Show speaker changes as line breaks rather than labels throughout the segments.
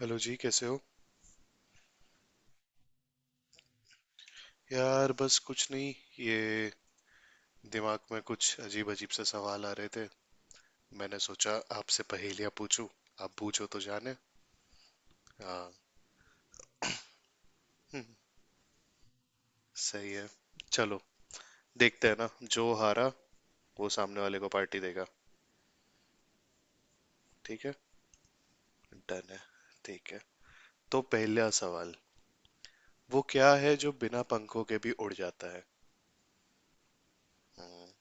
Hello जी। कैसे हो? यार बस कुछ नहीं। ये दिमाग में कुछ अजीब अजीब से सवाल आ रहे थे। मैंने सोचा आपसे पहेलियां पूछूं। आप पूछो तो जाने। हाँ। हम्म। सही है। चलो, देखते हैं ना। जो हारा वो सामने वाले को पार्टी देगा। ठीक है। डन है। ठीक है। तो पहला सवाल, वो क्या है जो बिना पंखों के भी उड़ जाता है? हम्म,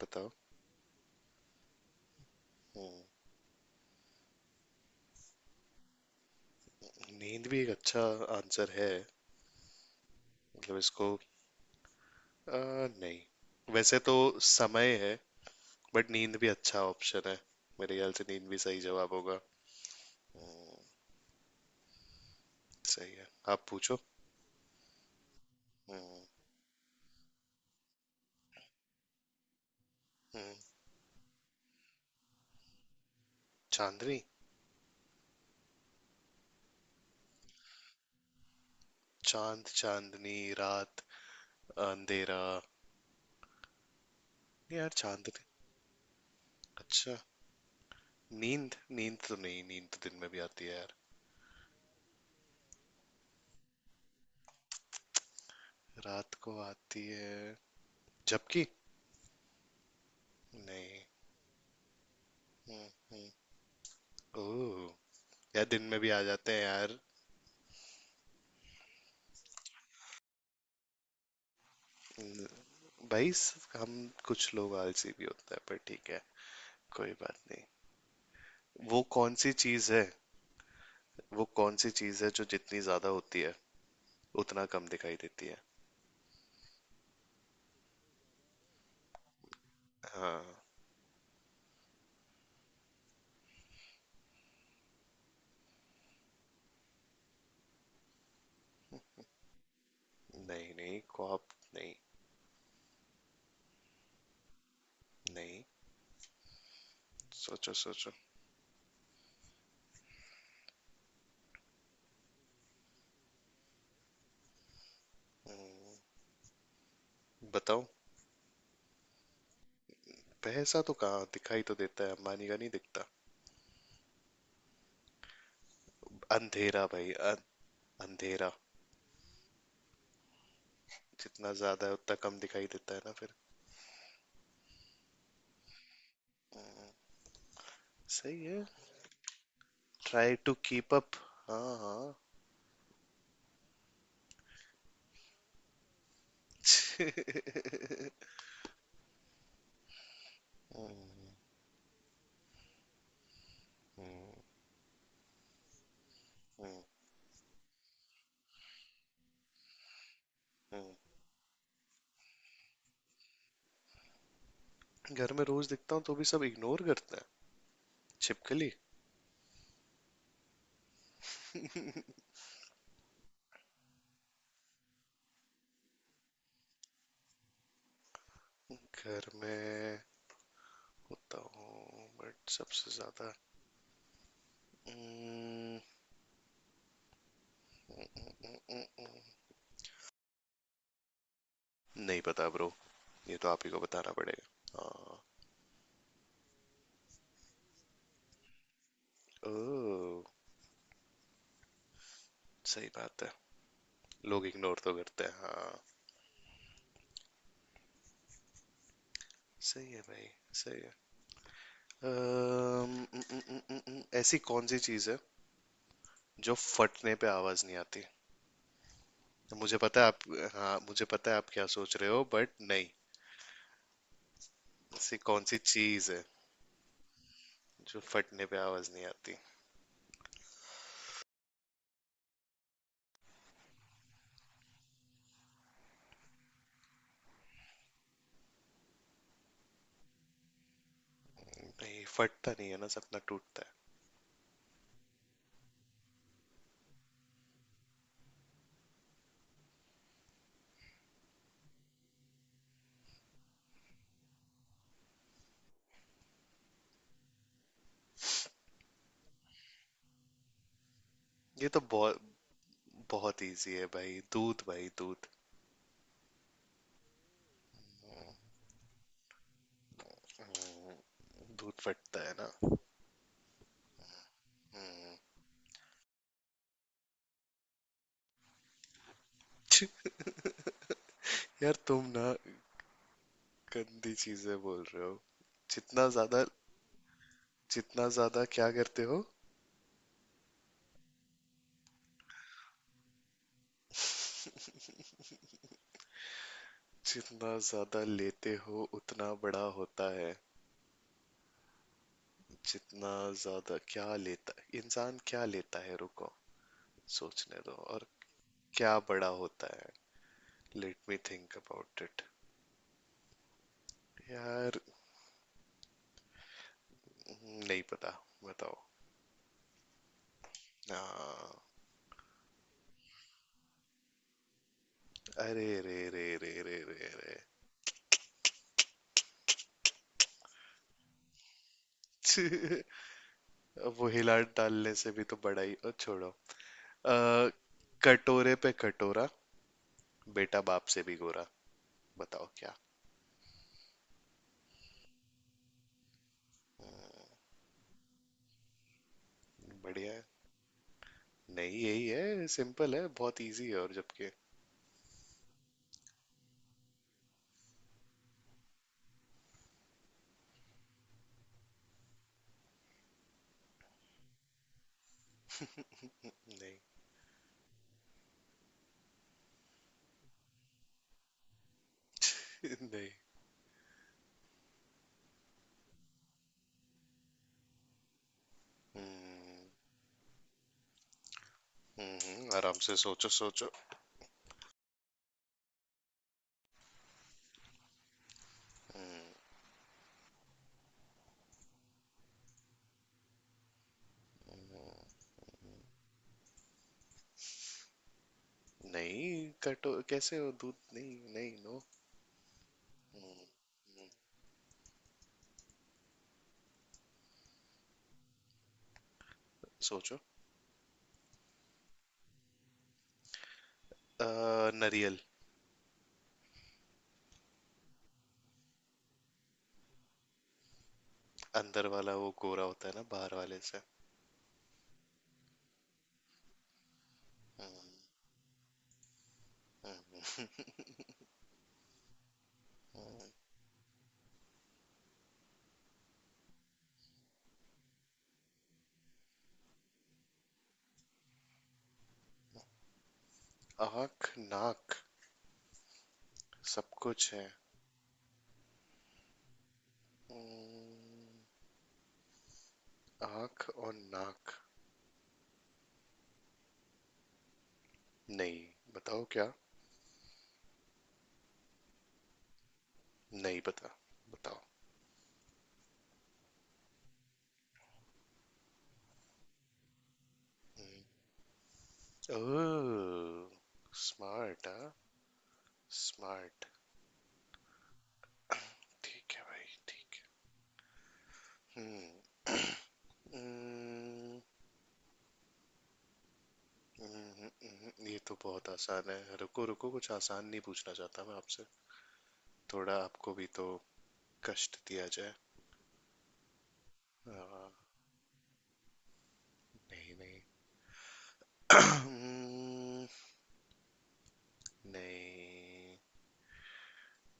बताओ। हम्म, नींद भी एक अच्छा आंसर है। मतलब इसको नहीं, वैसे तो समय है, बट नींद भी अच्छा ऑप्शन है। मेरे ख्याल से नींद भी सही जवाब होगा। हम्म। सही है। आप पूछो। हम्म। हम्म। चांदनी। चांद, चांदनी रात, अंधेरा। नहीं यार, चांदनी। अच्छा। नींद? नींद तो नहीं, नींद तो दिन में भी आती है यार। रात को आती है। झपकी। नहीं। हम्म। हम्म। ओह। यार दिन में भी आ जाते हैं यार। हम्म। भाई हम, कुछ लोग आलसी भी होते हैं, पर ठीक है, कोई बात नहीं। वो कौन सी चीज है? वो कौन सी चीज है जो जितनी ज्यादा होती है, उतना कम दिखाई देती है? हाँ। नहीं नहीं, कॉप? नहीं। नहीं। सोचो सोचो। बताओ। पैसा तो कहाँ दिखाई तो देता है, अंबानी का नहीं दिखता। अंधेरा भाई। अंधेरा। जितना ज्यादा है उतना कम दिखाई देता है ना फिर। सही है। Try to keep up. हाँ हाँ। हम्म। हम्म। हम्म। हम्म। घर में रोज दिखता हूँ, तो भी सब इग्नोर करते हैं? छिपकली। घर में होता हूँ बट सबसे ज्यादा। हम्म। हम्म। नहीं पता ब्रो। ये तो आप ही को बताना पड़ेगा। हाँ। ओ, सही बात है। लोग इग्नोर तो करते हैं हाँ। सही है भाई। सही है। ऐसी कौन सी चीज़ है जो फटने पे आवाज नहीं आती? मुझे पता है आप। हाँ मुझे पता है आप क्या सोच रहे हो, बट नहीं। ऐसी कौन सी चीज़ है जो फटने पे आवाज नहीं आती? नहीं, फटता नहीं है ना सपना, टूटता है। ये तो बहुत बहुत इजी है भाई। दूध, भाई दूध। दूध फटता है ना। हम्म। छी, यार तुम ना गंदी चीजें बोल रहे हो। जितना ज्यादा, जितना ज्यादा क्या करते हो? जितना ज्यादा लेते हो उतना बड़ा होता है। जितना ज्यादा क्या लेता? इंसान क्या लेता है, रुको, सोचने दो और। क्या बड़ा होता है? Let me think about it यार। हम्म। नहीं पता। बताओ। हाँ। अरे रे रे रे रे रे रे छी, अब वो हिला डालने से भी तो बड़ा ही और, छोड़ो। अ, कटोरे पे कटोरा, बेटा बाप से भी गोरा। बताओ क्या। बढ़िया है। नहीं यही है, सिंपल है, बहुत इजी है, और जबकि नहीं नहीं। हम्म। हम्म। हम्म। आराम से सोचो सोचो। हम्म। नहीं। कटो कैसे हो? दूध? नहीं नहीं नो। सोचो। अ, नरियल। अंदर वाला वो गोरा होता है ना बाहर वाले से। हम्म। आँख नाक सब कुछ है। हम्म। आँख और नाक? नहीं। बताओ क्या। नहीं पता। बताओ। हम्म। ओह। स्मार्ट हाँ। स्मार्ट। ठीक है भाई ठीक है। हम्म। हम्म। हम्म। ये तो बहुत आसान है, रुको रुको, कुछ आसान नहीं पूछना चाहता मैं आपसे। थोड़ा आपको भी तो कष्ट दिया जाए। हाँ। नहीं नहीं। हम्म। नहीं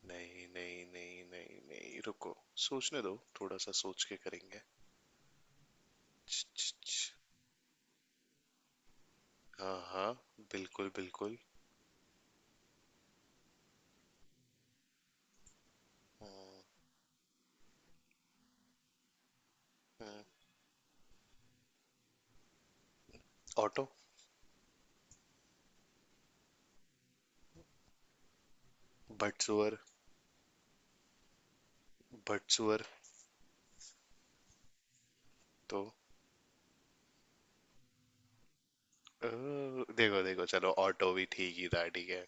नहीं नहीं नहीं नहीं नहीं, रुको, सोचने दो, थोड़ा सा सोच के करेंगे। छ, छ, छ। हाँ हाँ, बिल्कुल बिल्कुल। हम्म। हम्म। ऑटो। बटसुअर। बटसुअर तो। अ, देखो देखो, चलो ऑटो भी ठीक ही था, ठीक है।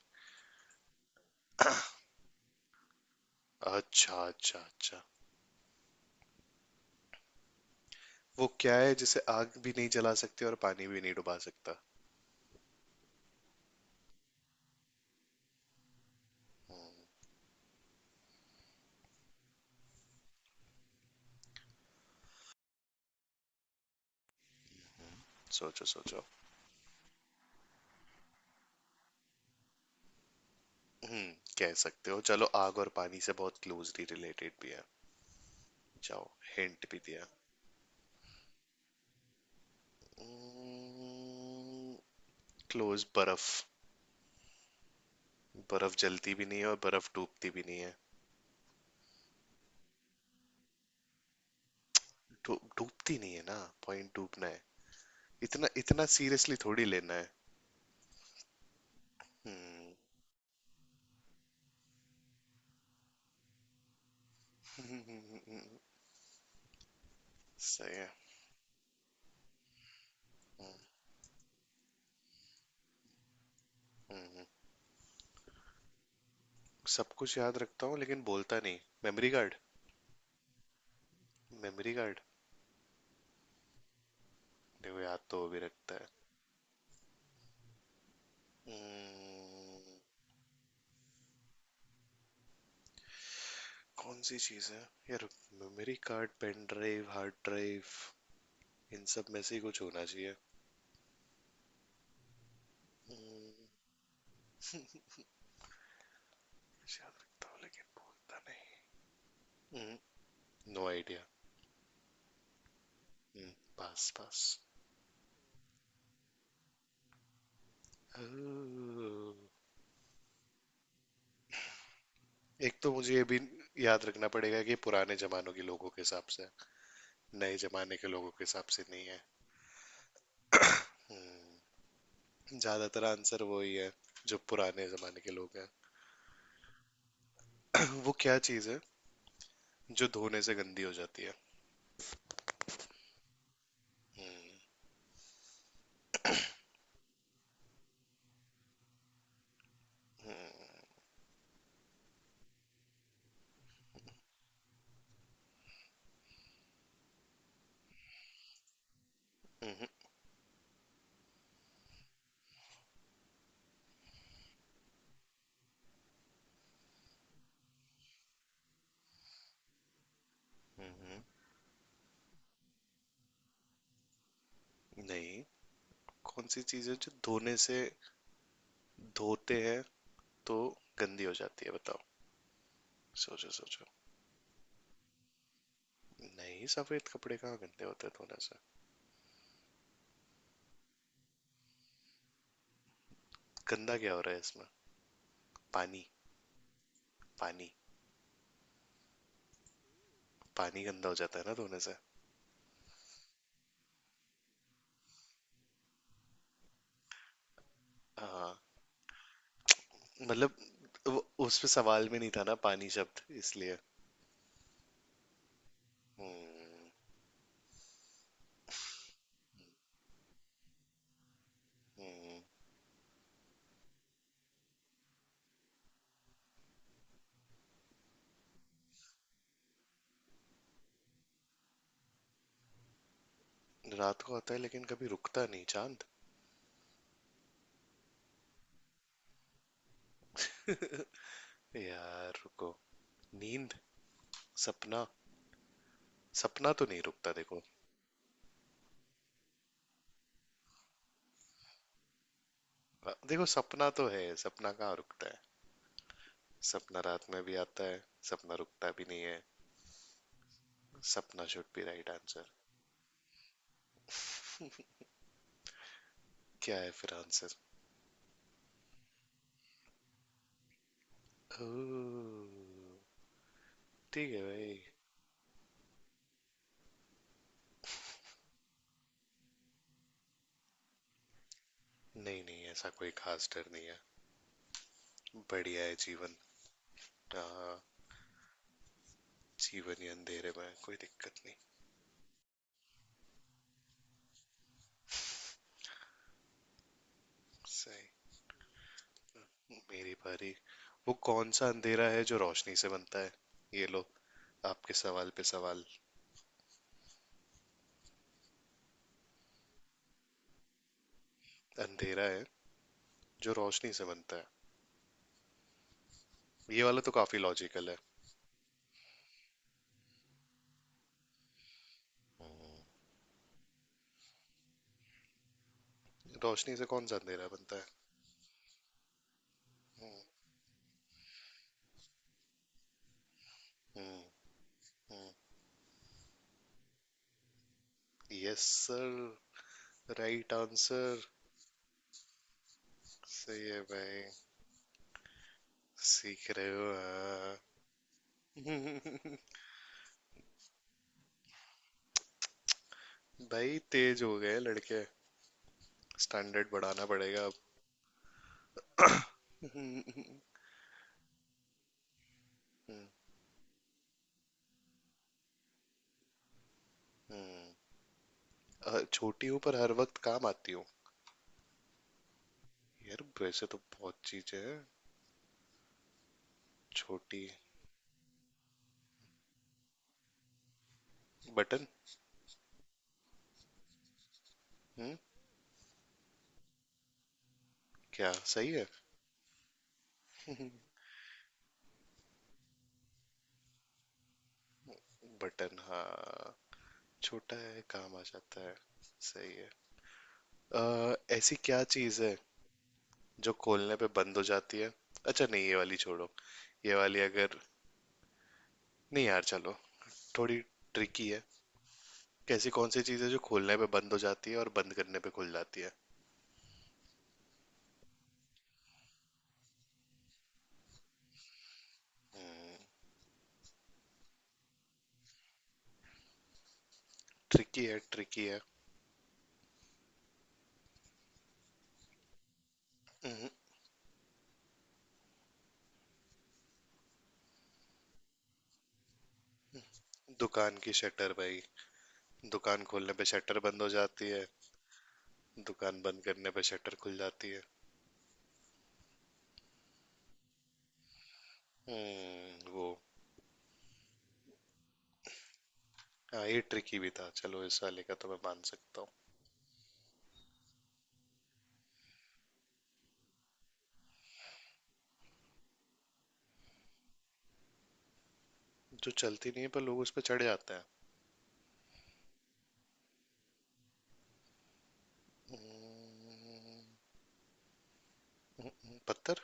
अच्छा अच्छा अच्छा। वो क्या है जिसे आग भी नहीं जला सकते और पानी भी नहीं डुबा सकता? सोचो सोचो। हम्म, कह सकते हो। चलो, आग और पानी से बहुत क्लोजली रिलेटेड भी है, जाओ, हिंट भी दिया। क्लोज। बर्फ। बर्फ जलती भी नहीं है, और बर्फ डूबती भी नहीं है। डूबती नहीं है ना, पॉइंट डूबना है। इतना इतना सीरियसली थोड़ी लेना है। हम्म। सही है। हम्म। सब कुछ याद रखता हूँ लेकिन बोलता नहीं। Memory card. Memory card? देखो, याद तो वो भी रखता है। हम्म। कौन सी चीज है यार? Memory card, pen drive, hard drive, इन सब में से ही कुछ होना चाहिए। हम्म। याद रखता हूँ लेकिन बोलता नहीं। No idea. Pass pass. एक तो मुझे ये भी याद रखना पड़ेगा कि पुराने जमानों के लोगों के हिसाब से, नए जमाने के लोगों के हिसाब से नहीं है। हम्म। ज़्यादातर आंसर वही है जो पुराने ज़माने के लोग हैं। वो क्या चीज़ है जो धोने से गंदी हो जाती है? हम्म। हम्म। नहीं। कौन सी चीज़ है जो धोने से, धोते हैं तो गंदी हो जाती है, बताओ? सोचो सोचो। नहीं, सफेद कपड़े कहाँ गंदे होते हैं धोने से? गंदा क्या हो रहा है इसमें? पानी। पानी। पानी गंदा हो जाता है ना धोने से। हाँ। मतलब वो उस पे सवाल में नहीं था ना पानी शब्द, इसलिए। हम्म। हम्म। रात को आता है लेकिन कभी रुकता नहीं, चांद? यार रुको। नींद। सपना। सपना तो नहीं रुकता देखो। देखो सपना तो है, सपना कहाँ रुकता है? सपना रात में भी आता है। सपना रुकता भी नहीं है। सपना शुड बी राइट आंसर। क्या है फिर आंसर? ठीक है भाई। नहीं नहीं, ऐसा कोई खास डर नहीं है। बढ़िया है जीवन। हाँ। जीवन ही अंधेरे में है, कोई दिक्कत नहीं। सही। मेरी बारी। वो कौन सा अंधेरा है जो रोशनी से बनता है? ये लो, आपके सवाल पे सवाल। अंधेरा है जो रोशनी से बनता है। ये वाला तो काफी लॉजिकल है। रोशनी से कौन सा अंधेरा बनता है? Yes sir, right answer. सही है भाई। सीख रहे हो हाँ। भाई, तेज हो गए लड़के। स्टैंडर्ड बढ़ाना पड़ेगा अब। छोटी हूँ पर हर वक्त काम आती हूँ। यार वैसे तो बहुत चीजें हैं छोटी। बटन। हम्म। क्या सही है? बटन हाँ, छोटा है, काम आ जाता है। सही है। ऐसी क्या चीज है जो खोलने पे बंद हो जाती है? अच्छा नहीं, ये वाली छोड़ो। ये वाली अगर, नहीं यार चलो, थोड़ी ट्रिकी है। कैसी कौन सी चीज है जो खोलने पे बंद हो जाती है और बंद करने पे खुल जाती है? ट्रिकी है, ट्रिकी है। हम्म। दुकान की शटर भाई। दुकान खोलने पे शटर बंद हो जाती है। दुकान बंद करने पे शटर खुल जाती है। वो। हाँ, ये ट्रिकी भी था, चलो इस वाले का तो मैं मान सकता हूँ। जो चलती नहीं है पर लोग उस पर चढ़ जाते हैं? पत्थर।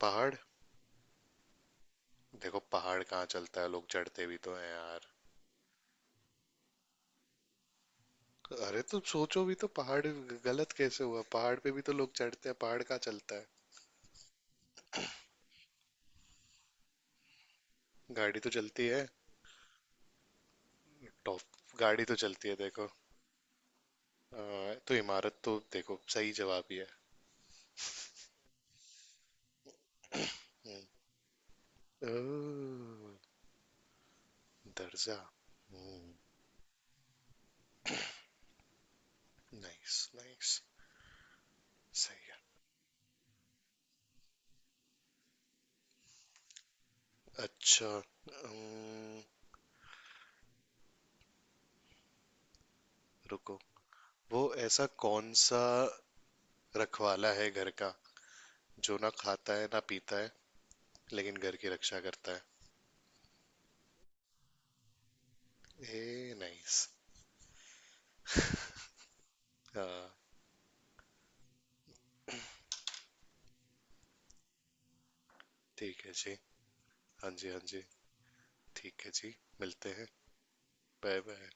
पहाड़। देखो पहाड़ कहाँ चलता है, लोग चढ़ते भी तो हैं यार। अरे तुम सोचो भी तो पहाड़ गलत कैसे हुआ? पहाड़ पे भी तो लोग चढ़ते हैं, पहाड़ कहाँ चलता है? गाड़ी तो चलती है। टॉप। गाड़ी तो चलती है देखो। तो इमारत तो देखो सही जवाब ही है। हम्म। ओ, दर्जा। Nice nice. सही है। अच्छा। रुको। वो ऐसा कौन सा रखवाला है घर का, जो ना खाता है ना पीता है, लेकिन घर की रक्षा करता है? ए नाइस। हाँ। ठीक है जी। हाँ जी, हाँ जी। ठीक है जी। मिलते हैं। Bye bye.